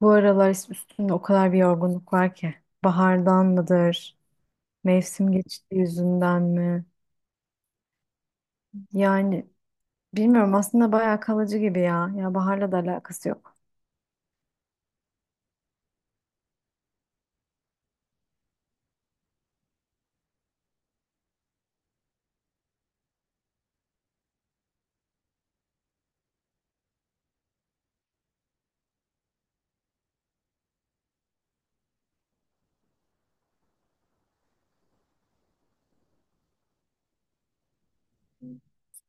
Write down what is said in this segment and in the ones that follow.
Bu aralar üstümde o kadar bir yorgunluk var ki. Bahardan mıdır? Mevsim geçti yüzünden mi? Yani bilmiyorum aslında bayağı kalıcı gibi ya. Ya baharla da alakası yok.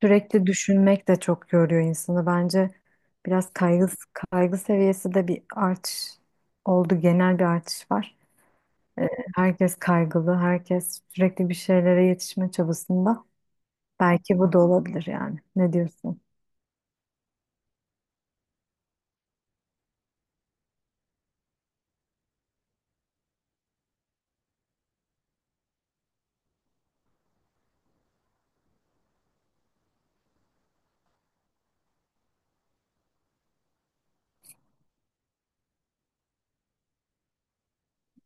Sürekli düşünmek de çok yoruyor insanı. Bence biraz kaygı, kaygı seviyesi de bir artış oldu. Genel bir artış var. Ee, Herkes kaygılı. Herkes sürekli bir şeylere yetişme çabasında. Belki bu da olabilir yani. Ne diyorsun?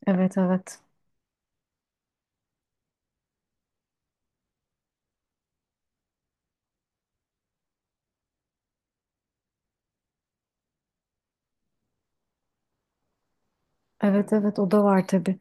Evet evet. Evet evet o da var tabii.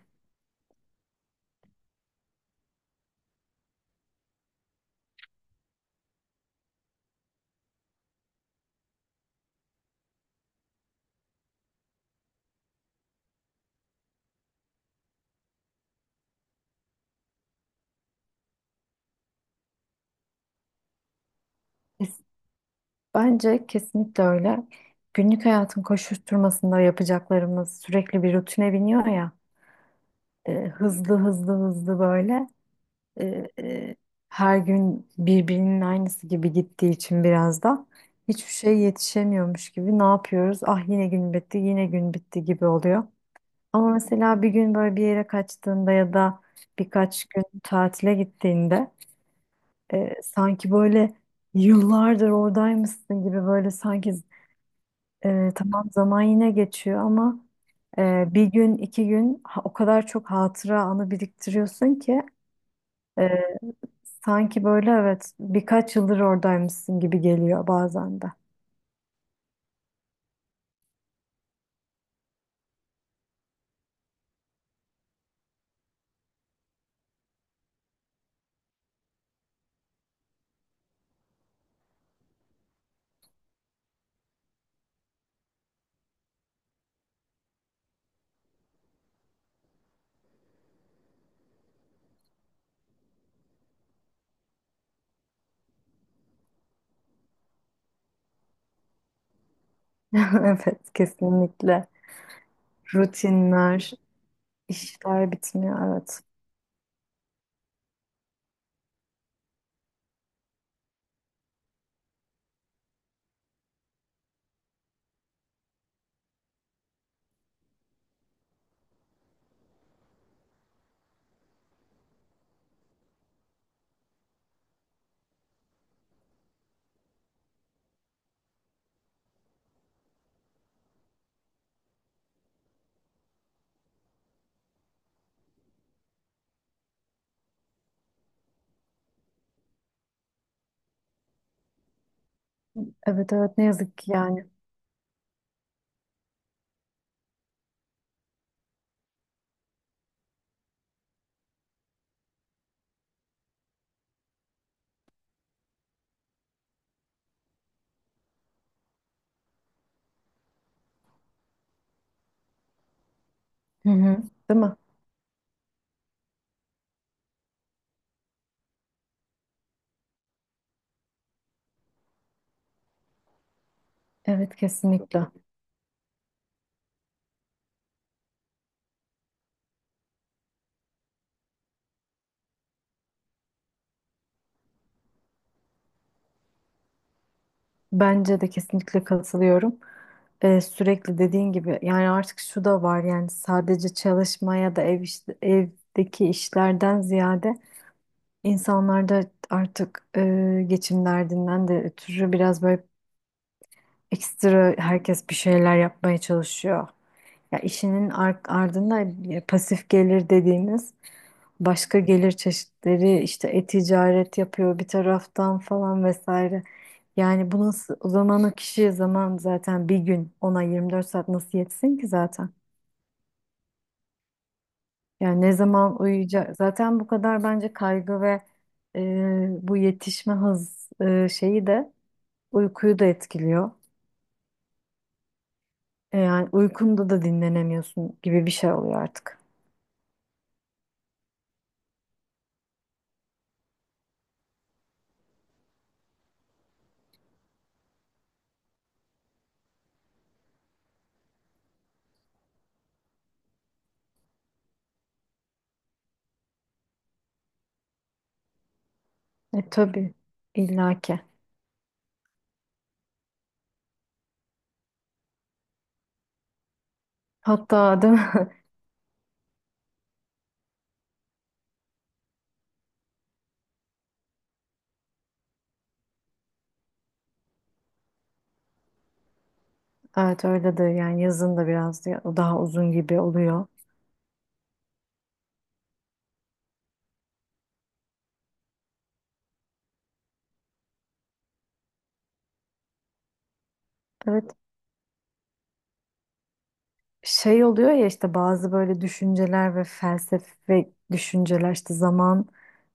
Bence kesinlikle öyle. Günlük hayatın koşuşturmasında yapacaklarımız sürekli bir rutine biniyor ya. Hızlı hızlı hızlı böyle. e, e, Her gün birbirinin aynısı gibi gittiği için biraz da hiçbir şey yetişemiyormuş gibi ne yapıyoruz? Ah, yine gün bitti, yine gün bitti gibi oluyor. Ama mesela bir gün böyle bir yere kaçtığında ya da birkaç gün tatile gittiğinde, sanki böyle yıllardır oradaymışsın gibi böyle sanki. Tamam, zaman yine geçiyor ama bir gün iki gün o kadar çok hatıra anı biriktiriyorsun ki e, sanki böyle, evet, birkaç yıldır oradaymışsın gibi geliyor bazen de. Evet, kesinlikle rutinler, işler bitmiyor, evet. Evet evet, ne yazık ki yani. Hı hı. Değil mi? Evet, kesinlikle. Bence de kesinlikle katılıyorum. Sürekli dediğin gibi yani artık şu da var, yani sadece çalışmaya da evdeki işlerden ziyade insanlar da artık geçim derdinden de ötürü biraz böyle ekstra, herkes bir şeyler yapmaya çalışıyor. Ya işinin ardında pasif gelir dediğimiz başka gelir çeşitleri, işte e-ticaret yapıyor bir taraftan falan vesaire. Yani bu nasıl, o zaman o kişi zaman zaten bir gün ona 24 saat nasıl yetsin ki zaten? Yani ne zaman uyuyacak? Zaten bu kadar bence kaygı ve bu yetişme hız şeyi de uykuyu da etkiliyor. Yani uykunda da dinlenemiyorsun gibi bir şey oluyor artık. E tabii, illaki. Hatta değil mi? Evet öyledir yani, yazın da biraz daha uzun gibi oluyor. Evet, şey oluyor ya, işte bazı böyle düşünceler ve felsefe düşünceler, işte zaman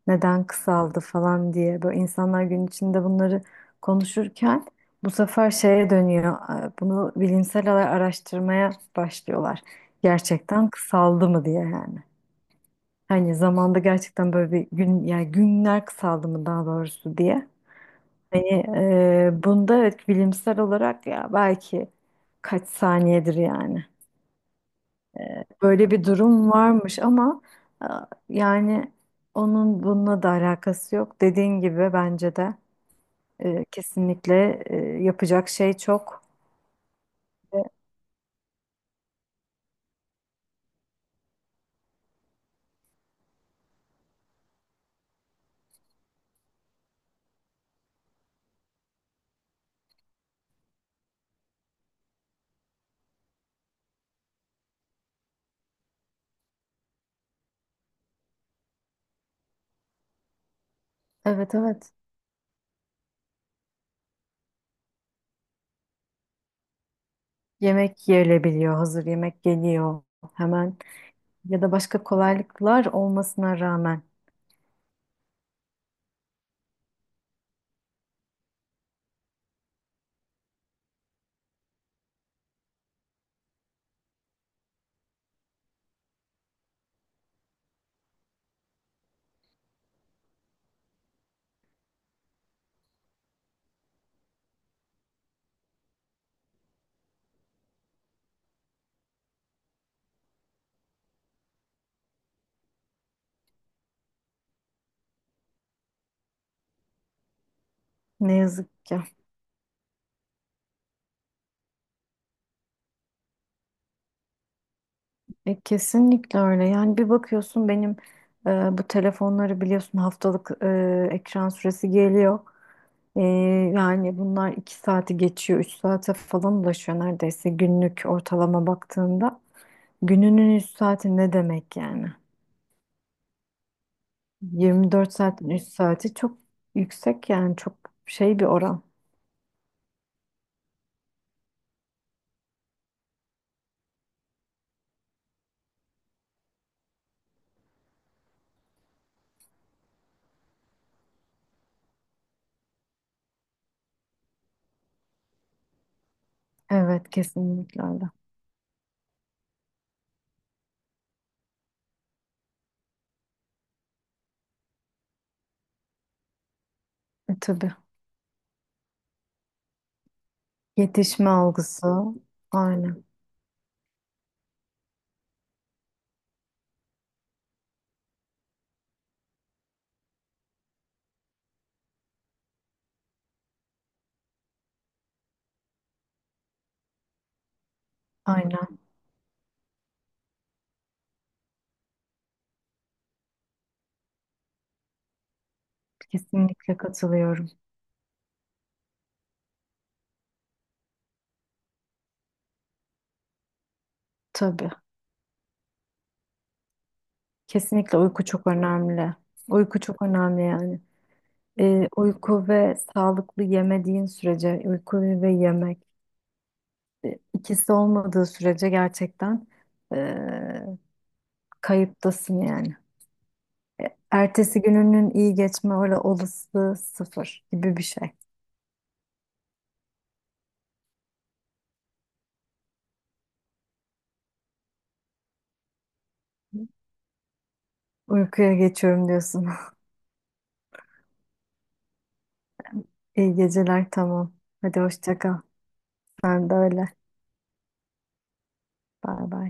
neden kısaldı falan diye, böyle insanlar gün içinde bunları konuşurken, bu sefer şeye dönüyor, bunu bilimsel olarak araştırmaya başlıyorlar. Gerçekten kısaldı mı diye yani. Hani zamanda gerçekten böyle bir gün, yani günler kısaldı mı daha doğrusu diye. Hani bunda evet, bilimsel olarak ya belki kaç saniyedir yani. Böyle bir durum varmış ama e, yani onun bununla da alakası yok. Dediğin gibi bence de kesinlikle yapacak şey çok. Evet evet, yemek yerilebiliyor, hazır yemek geliyor hemen ya da başka kolaylıklar olmasına rağmen, ne yazık ki. Kesinlikle öyle. Yani bir bakıyorsun, benim bu telefonları biliyorsun, haftalık ekran süresi geliyor. E, Yani bunlar iki saati geçiyor, üç saate falan ulaşıyor neredeyse, günlük ortalama baktığında. Gününün üç saati ne demek yani? 24 saatin üç saati çok yüksek yani, çok şey bir oran. Evet, kesinlikle öyle. Tabii. Yetişme algısı. Aynen. Aynen. Kesinlikle katılıyorum. Tabii. Kesinlikle uyku çok önemli. Uyku çok önemli yani. Uyku ve sağlıklı yemediğin sürece, uyku ve yemek ikisi olmadığı sürece gerçekten e, kayıptasın yani. Ertesi gününün iyi geçme olasılığı sıfır gibi bir şey. Uykuya geçiyorum diyorsun. İyi geceler, tamam. Hadi hoşça kal. Sen de öyle. Bay bay.